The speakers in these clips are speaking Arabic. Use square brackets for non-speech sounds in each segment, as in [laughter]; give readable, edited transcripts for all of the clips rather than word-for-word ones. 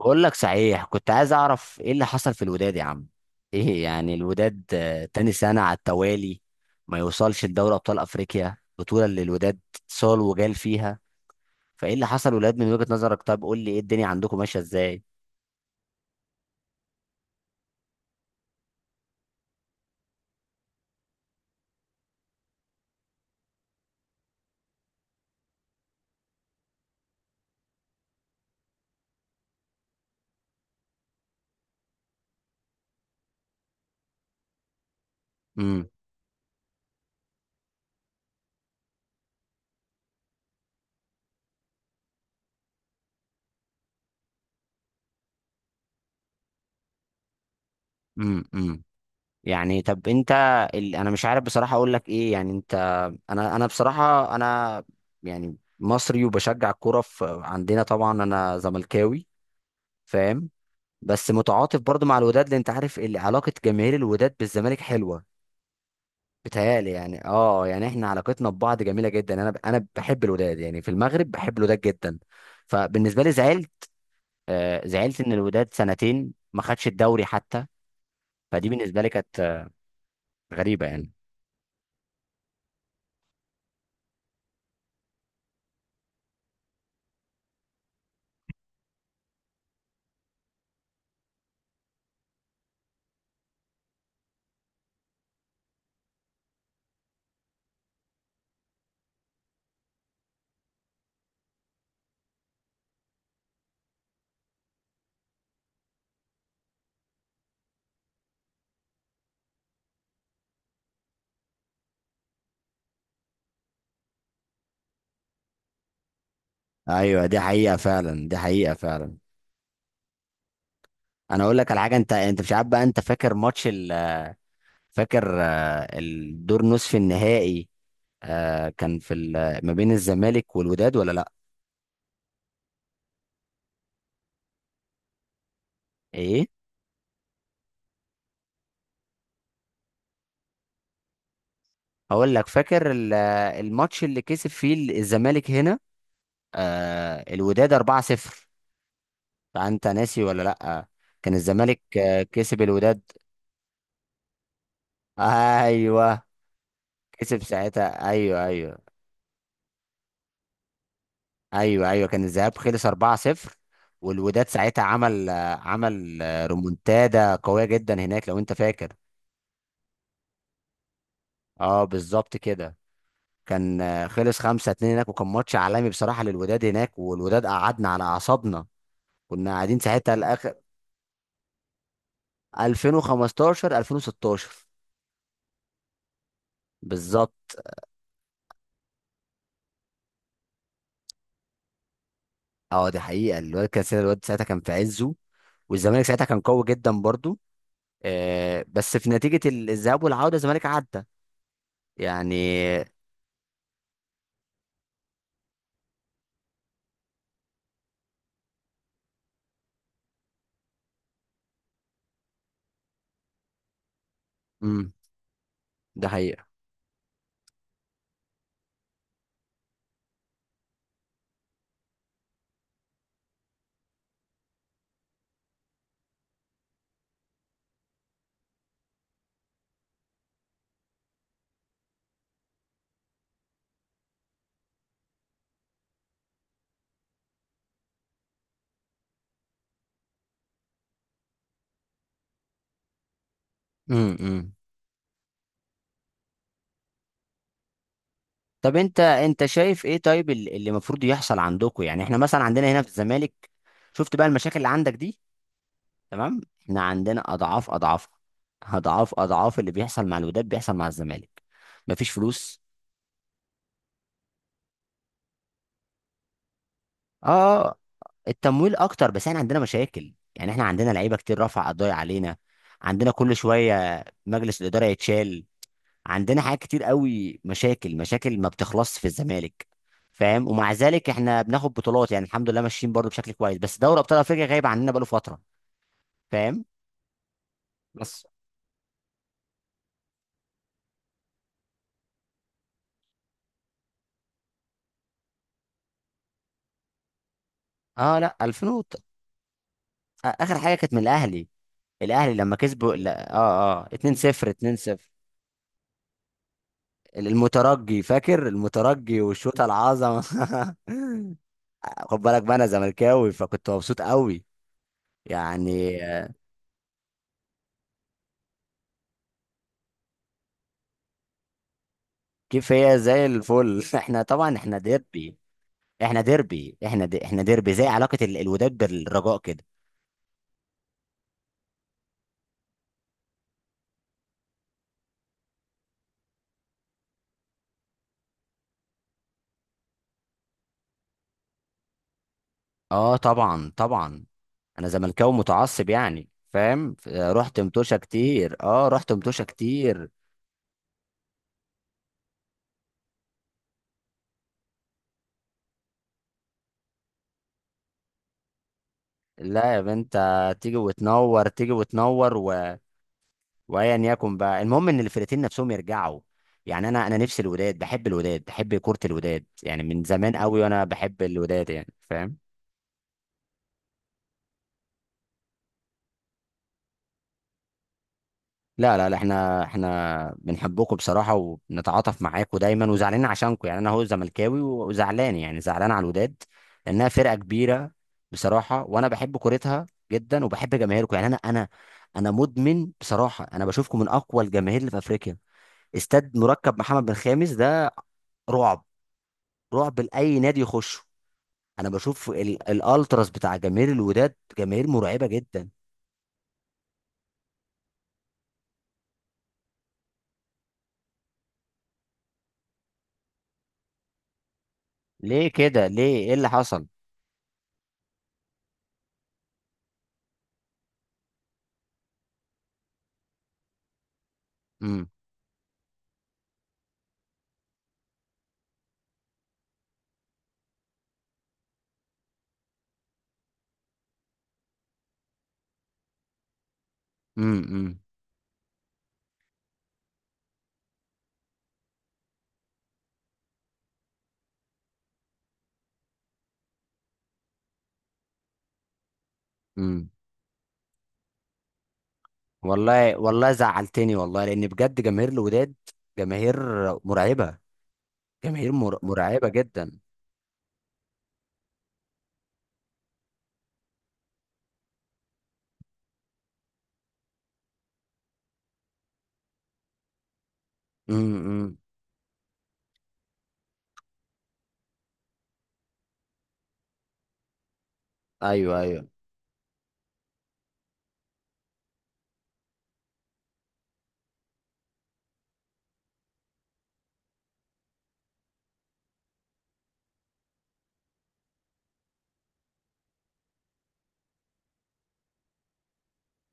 بقول لك صحيح، كنت عايز اعرف ايه اللي حصل في الوداد يا عم. ايه يعني الوداد، تاني سنة على التوالي ما يوصلش لدوري ابطال افريقيا، بطولة اللي الوداد صال وجال فيها. فايه اللي حصل الوداد من وجهة نظرك؟ طب قول لي، ايه الدنيا عندكم ماشية ازاي؟ امم، امم، امم. يعني طب انت، انا مش عارف بصراحة اقول لك ايه، يعني انت. انا بصراحة انا، يعني مصري وبشجع الكوره عندنا طبعا، انا زملكاوي، فاهم. بس متعاطف برضو مع الوداد، لان انت عارف علاقه جماهير الوداد بالزمالك حلوه. بتهيألي يعني اه، يعني احنا علاقتنا ببعض جميله جدا. انا بحب الوداد يعني، في المغرب بحب الوداد جدا. فبالنسبه لي زعلت، زعلت ان الوداد سنتين ما خدش الدوري حتى. فدي بالنسبه لي كانت غريبه يعني. ايوه، دي حقيقه فعلا، دي حقيقه فعلا. انا اقول لك على حاجه. انت مش عارف بقى، انت فاكر ماتش فاكر الدور نصف النهائي؟ كان في ما بين الزمالك والوداد، ولا لا؟ ايه؟ هقول لك. فاكر الماتش اللي كسب فيه الزمالك هنا الوداد 4-0؟ فانت ناسي ولا لا؟ كان الزمالك كسب الوداد. ايوه كسب ساعتها، ايوه، ايوه. ايوه، ايوه، كان الذهاب خلص 4-0. والوداد ساعتها عمل رومونتادا قويه جدا هناك، لو انت فاكر. اه بالظبط كده. كان خلص 5-2 هناك، وكان ماتش عالمي بصراحه للوداد هناك. والوداد قعدنا على اعصابنا، كنا قاعدين ساعتها 2015، 2016 بالظبط. اه دي حقيقة. الواد ساعتها كان في عزه، والزمالك ساعتها كان قوي جدا برضو. آه بس في نتيجة الذهاب والعودة، الزمالك عدى يعني. امم. ده حقيقة. امم، امم. طب انت شايف ايه؟ طيب اللي المفروض يحصل عندكم؟ يعني احنا مثلا عندنا هنا في الزمالك، شفت بقى المشاكل اللي عندك دي؟ تمام، احنا عندنا اضعاف اضعاف، اضعاف اضعاف اللي بيحصل مع الوداد بيحصل مع الزمالك. مفيش فلوس. اه، التمويل اكتر، بس احنا عندنا مشاكل. يعني احنا عندنا لعيبه كتير رفع قضايا علينا. عندنا كل شويه مجلس الاداره يتشال. عندنا حاجات كتير قوي، مشاكل مشاكل ما بتخلصش في الزمالك فاهم. ومع ذلك احنا بناخد بطولات، يعني الحمد لله ماشيين برضو بشكل كويس، بس دوري ابطال افريقيا غايب عننا بقاله فتره، فاهم. بس اه، لا، 2000 اخر حاجه كانت من الاهلي. الاهلي لما كسبوا، لا، 2-0، 2-0. المترجي، فاكر المترجي والشوطه العظمه [laughs] خد بالك بقى، انا زملكاوي فكنت مبسوط قوي يعني. كيف هي؟ زي الفل [laughs] احنا طبعا احنا ديربي، احنا ديربي، زي علاقه الوداد بالرجاء كده. اه طبعا طبعا. انا زملكاوي متعصب يعني، فاهم. رحت متوشه كتير، اه رحت متوشه كتير. لا يا بنت، تيجي وتنور، تيجي وتنور. وايا يكن بقى، المهم ان الفرقتين نفسهم يرجعوا يعني. انا نفسي الوداد، بحب الوداد، بحب كرة الوداد يعني من زمان قوي. وانا بحب الوداد يعني، فاهم. لا لا لا، احنا بنحبكم بصراحة، وبنتعاطف معاكم دايما، وزعلانين عشانكم يعني. انا هو زملكاوي وزعلان، يعني زعلان على الوداد، لانها فرقة كبيرة بصراحة. وانا بحب كورتها جدا، وبحب جماهيركم يعني. انا مدمن بصراحة. انا بشوفكم من اقوى الجماهير اللي في افريقيا. استاد مركب محمد بن خامس ده رعب، رعب لاي نادي يخش. انا بشوف الالتراس بتاع جماهير الوداد، جماهير مرعبه جدا. ليه كده؟ ليه؟ ايه اللي حصل؟ امم، امم، امم، امم. والله والله زعلتني والله، لان بجد جماهير الوداد، جماهير مرعبه، جماهير مرعبه جدا. امم، ايوه، ايوه،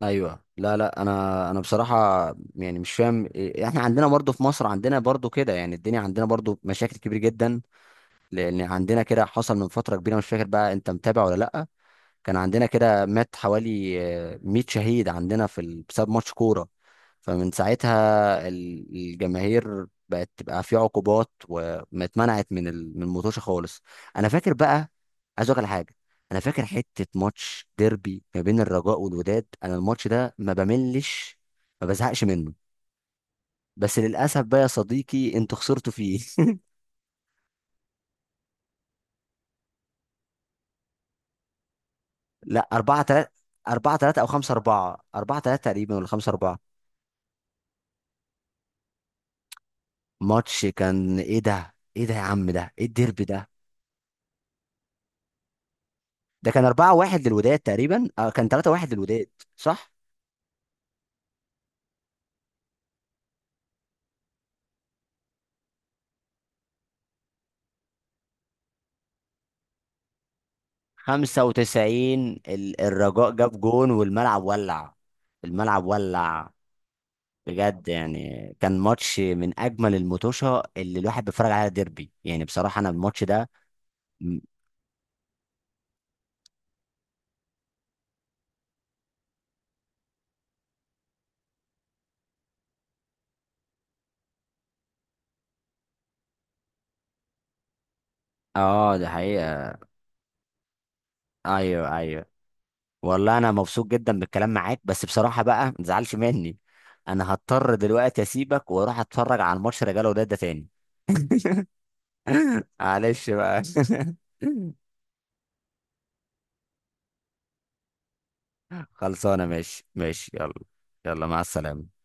ايوه. لا لا، انا بصراحه، يعني مش فاهم احنا عندنا برضو في مصر، عندنا برضو كده يعني. الدنيا عندنا برضو مشاكل كبيره جدا، لان عندنا كده حصل من فتره كبيره، مش فاكر بقى، انت متابع ولا لا؟ كان عندنا كده مات حوالي 100 شهيد عندنا في بسبب ماتش كورة. فمن ساعتها الجماهير بقت تبقى في عقوبات، وما اتمنعت من من المطوشة خالص. انا فاكر بقى، عايز اقول لك على حاجة. انا فاكر حتة ماتش ديربي ما بين الرجاء والوداد، انا الماتش ده ما بملش، ما بزهقش منه. بس للاسف بقى يا صديقي انتوا خسرتوا فيه [laughs] لا، 4 3. 4 3 او 5 4، 4 3 تقريبا، ولا 5 4؟ ماتش كان ايه ده! ايه ده يا عم! ده ايه الديربي ده! ده كان 4-1 للوداد تقريبا، اه كان 3-1 للوداد، صح. 95، الرجاء جاب جون والملعب ولع، الملعب ولع. بجد يعني، كان ماتش من اجمل المطوشه اللي الواحد بيتفرج عليها، ديربي يعني. بصراحه انا الماتش ده م- اه ده حقيقه. ايوه، ايوه. والله انا مبسوط جدا بالكلام معاك، بس بصراحه بقى ما تزعلش مني. انا هضطر دلوقتي اسيبك واروح اتفرج على الماتش رجاله وداد ده تاني [laughs] معلش بقى [laughs] خلصانة، ماشي، ماشي، يلا. يلا مع السلامة.